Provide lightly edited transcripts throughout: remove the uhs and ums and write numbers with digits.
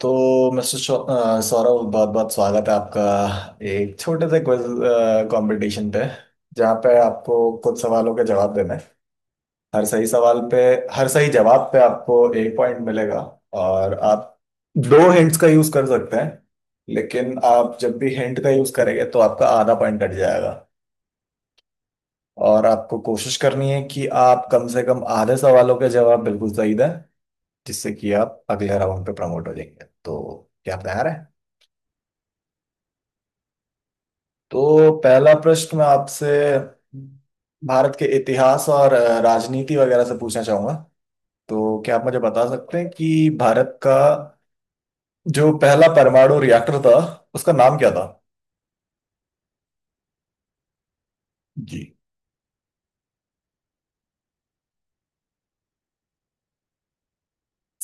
तो मिस्टर सौरभ, बहुत बहुत स्वागत है आपका। एक छोटे से क्विज कंपटीशन पे, जहाँ पे आपको कुछ सवालों के जवाब देने हैं। हर सही सवाल पे हर सही जवाब पे आपको एक पॉइंट मिलेगा और आप दो हिंट्स का यूज कर सकते हैं, लेकिन आप जब भी हिंट का यूज करेंगे तो आपका आधा पॉइंट कट जाएगा। और आपको कोशिश करनी है कि आप कम से कम आधे सवालों के जवाब बिल्कुल सही दें, जिससे कि आप अगले राउंड पे प्रमोट हो जाएंगे। तो क्या आप तैयार हैं? तो पहला प्रश्न मैं आपसे भारत के इतिहास और राजनीति वगैरह से पूछना चाहूंगा। तो क्या आप मुझे बता सकते हैं कि भारत का जो पहला परमाणु रिएक्टर था, उसका नाम क्या था? जी,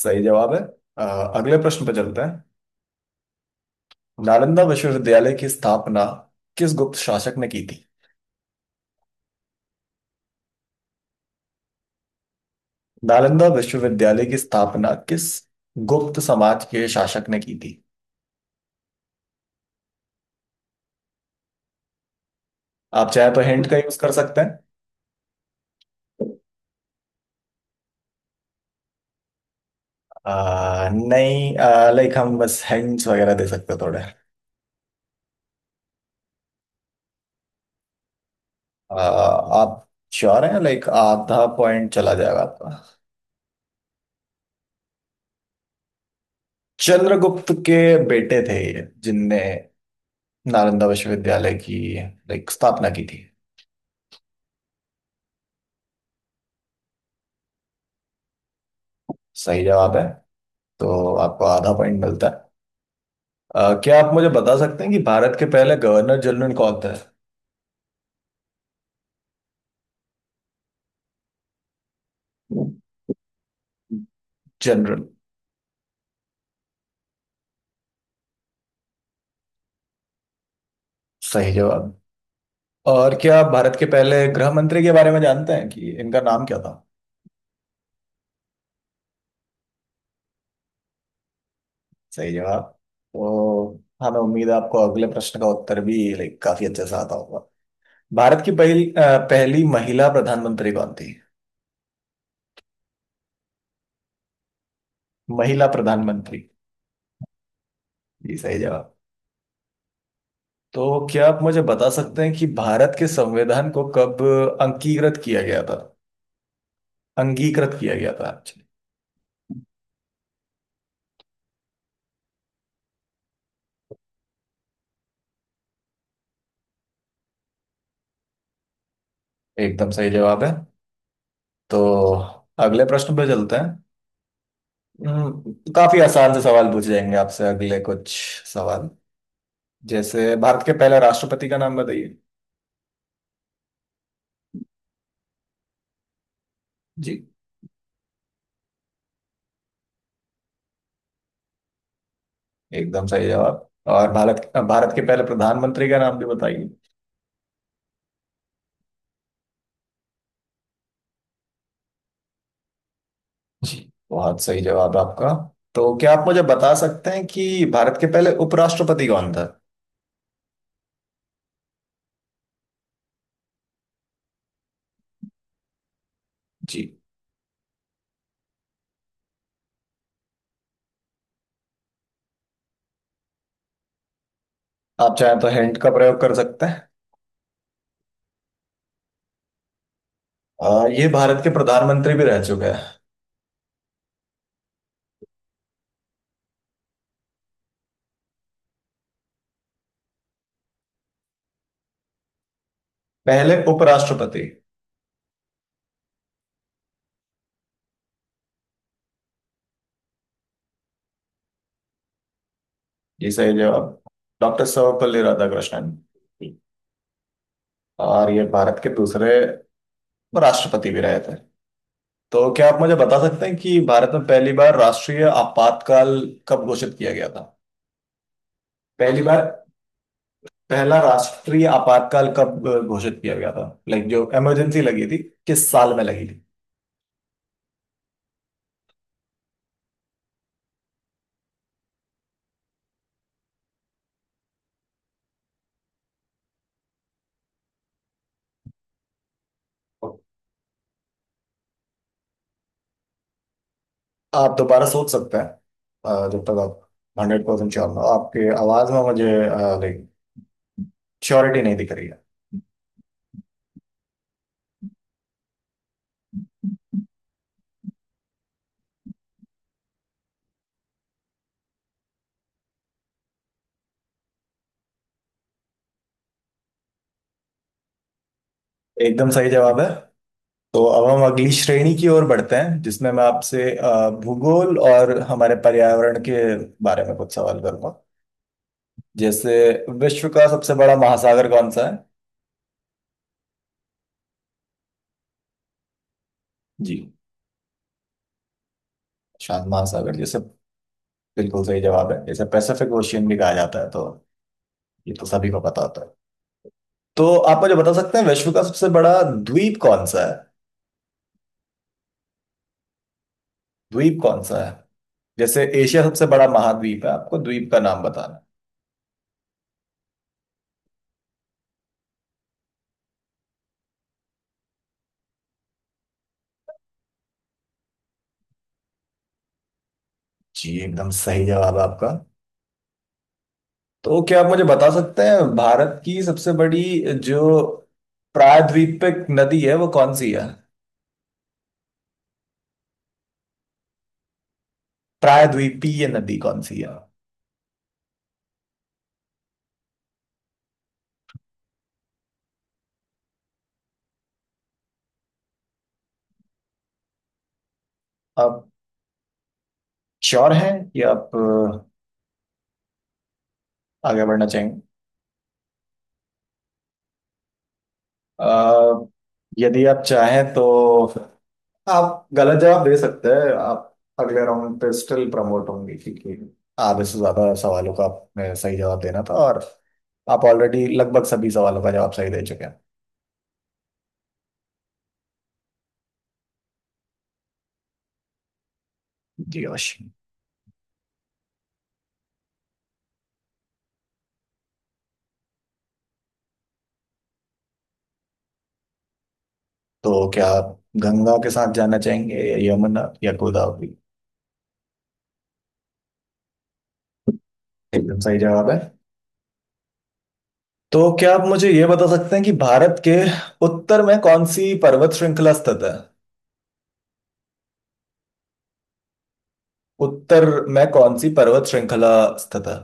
सही जवाब है। अ, अगले प्रश्न पर चलते हैं। नालंदा विश्वविद्यालय की स्थापना किस गुप्त शासक ने की थी? नालंदा विश्वविद्यालय की स्थापना किस गुप्त समाज के शासक ने की थी? आप चाहे तो हिंट का यूज कर सकते हैं। नहीं, लाइक हम बस हिंट्स वगैरह दे सकते हैं थोड़े। आप श्योर हैं? लाइक आधा पॉइंट चला जाएगा आपका। चंद्रगुप्त के बेटे थे ये, जिनने नालंदा विश्वविद्यालय की लाइक स्थापना की थी। सही जवाब है। तो आपको आधा पॉइंट मिलता है। क्या आप मुझे बता सकते हैं कि भारत के पहले गवर्नर जनरल कौन थे? जनरल। सही जवाब। और क्या आप भारत के पहले गृह मंत्री के बारे में जानते हैं कि इनका नाम क्या था? सही जवाब। तो हमें उम्मीद है आपको अगले प्रश्न का उत्तर भी लाइक काफी अच्छे से आता होगा। भारत की पहली महिला प्रधानमंत्री कौन थी? महिला प्रधानमंत्री। जी, सही जवाब। तो क्या आप मुझे बता सकते हैं कि भारत के संविधान को कब अंगीकृत किया गया था? अंगीकृत किया गया था एक्चुअली। एकदम सही जवाब है। तो अगले प्रश्न पे चलते हैं। काफी आसान से सवाल पूछ जाएंगे आपसे अगले कुछ सवाल, जैसे भारत के पहले राष्ट्रपति का नाम बताइए। जी, एकदम सही जवाब। और भारत भारत के पहले प्रधानमंत्री का नाम भी बताइए। जी, बहुत सही जवाब आपका। तो क्या आप मुझे बता सकते हैं कि भारत के पहले उपराष्ट्रपति कौन था? जी। आप चाहें तो हिंट का प्रयोग कर सकते हैं। ये भारत के प्रधानमंत्री भी रह चुके हैं। पहले उपराष्ट्रपति। जी, सही जवाब। डॉक्टर सर्वपल्ली राधाकृष्णन। और ये भारत के दूसरे राष्ट्रपति भी रहे थे। तो क्या आप मुझे बता सकते हैं कि भारत में पहली बार राष्ट्रीय आपातकाल कब घोषित किया गया था? पहली बार पहला राष्ट्रीय आपातकाल कब घोषित किया गया था? लाइक जो इमरजेंसी लगी थी, किस साल में लगी थी? आप दोबारा सोच सकते हैं। जब तक आप 100% श्योर ना हो, आपके आवाज में मुझे लाइक श्योरिटी नहीं दिख रही है। एकदम सही जवाब है। तो अब हम अगली श्रेणी की ओर बढ़ते हैं, जिसमें मैं आपसे भूगोल और हमारे पर्यावरण के बारे में कुछ सवाल करूंगा। जैसे विश्व का सबसे बड़ा महासागर कौन सा है? जी। शांत महासागर, जैसे बिल्कुल सही जवाब है, इसे पैसिफिक ओशियन भी कहा जाता है। तो ये तो सभी को पता होता है। तो आप मुझे बता सकते हैं विश्व का सबसे बड़ा द्वीप कौन सा है? द्वीप कौन सा है? जैसे एशिया सबसे बड़ा महाद्वीप है, आपको द्वीप का नाम बताना है। जी, एकदम सही जवाब है आपका। तो क्या आप मुझे बता सकते हैं भारत की सबसे बड़ी जो प्रायद्वीपीय नदी है वो कौन सी है? प्रायद्वीपीय नदी कौन सी है? आप श्योर हैं कि आप आगे बढ़ना चाहेंगे? अ, यदि आप चाहें तो आप गलत जवाब दे सकते हैं, आप अगले राउंड पे स्टिल प्रमोट होंगे क्योंकि आधे से ज्यादा सवालों का आपने सही जवाब देना था, और आप ऑलरेडी लगभग सभी सवालों का जवाब सही दे चुके हैं। जी, अवश्य। तो क्या आप गंगा के साथ जाना चाहेंगे या यमुना या गोदावरी? एकदम सही जवाब है। तो क्या आप मुझे ये बता सकते हैं कि भारत के उत्तर में कौन सी पर्वत श्रृंखला स्थित है? उत्तर में कौन सी पर्वत श्रृंखला स्थित है?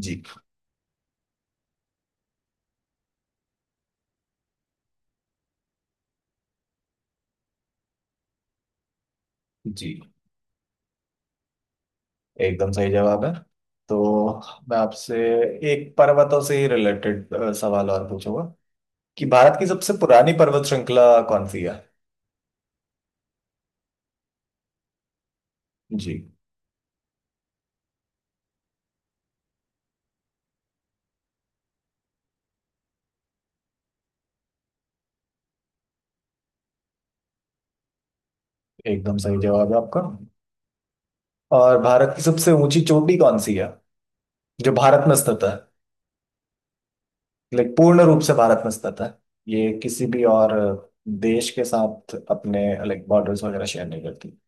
जी। जी, एकदम सही जवाब है। तो मैं आपसे एक पर्वतों से ही रिलेटेड सवाल और पूछूंगा कि भारत की सबसे पुरानी पर्वत श्रृंखला कौन सी है? जी, एकदम सही जवाब है आपका। और भारत की सबसे ऊंची चोटी कौन सी है जो भारत में स्थित है? लाइक पूर्ण रूप से भारत में स्थित है, ये किसी भी और देश के साथ अपने लाइक बॉर्डर्स वगैरह शेयर नहीं करती।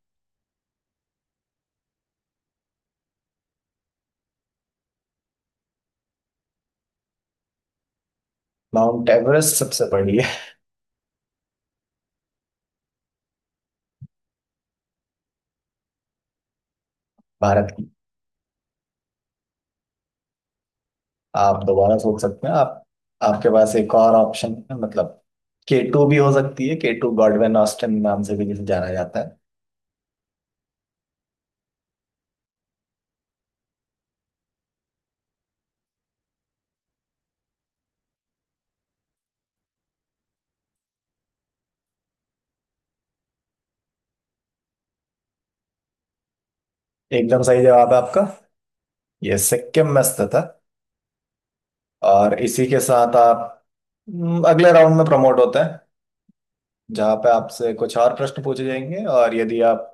माउंट एवरेस्ट सबसे बड़ी है भारत की? आप दोबारा सोच सकते हैं। आप आपके पास एक और ऑप्शन है, मतलब K2 भी हो सकती है, K2 गॉडविन ऑस्टिन नाम से भी जिसे जाना जाता है। एकदम सही जवाब है आपका। ये सिक्किम में स्थित है। और इसी के साथ आप अगले राउंड में प्रमोट होते हैं, जहाँ पे आपसे कुछ और प्रश्न पूछे जाएंगे, और यदि आप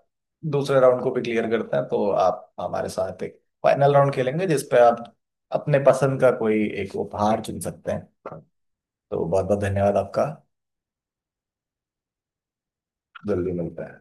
दूसरे राउंड को भी क्लियर करते हैं तो आप हमारे साथ एक फाइनल राउंड खेलेंगे, जिसपे आप अपने पसंद का कोई एक उपहार चुन सकते हैं। तो बहुत बहुत धन्यवाद आपका। जल्दी मिलता है।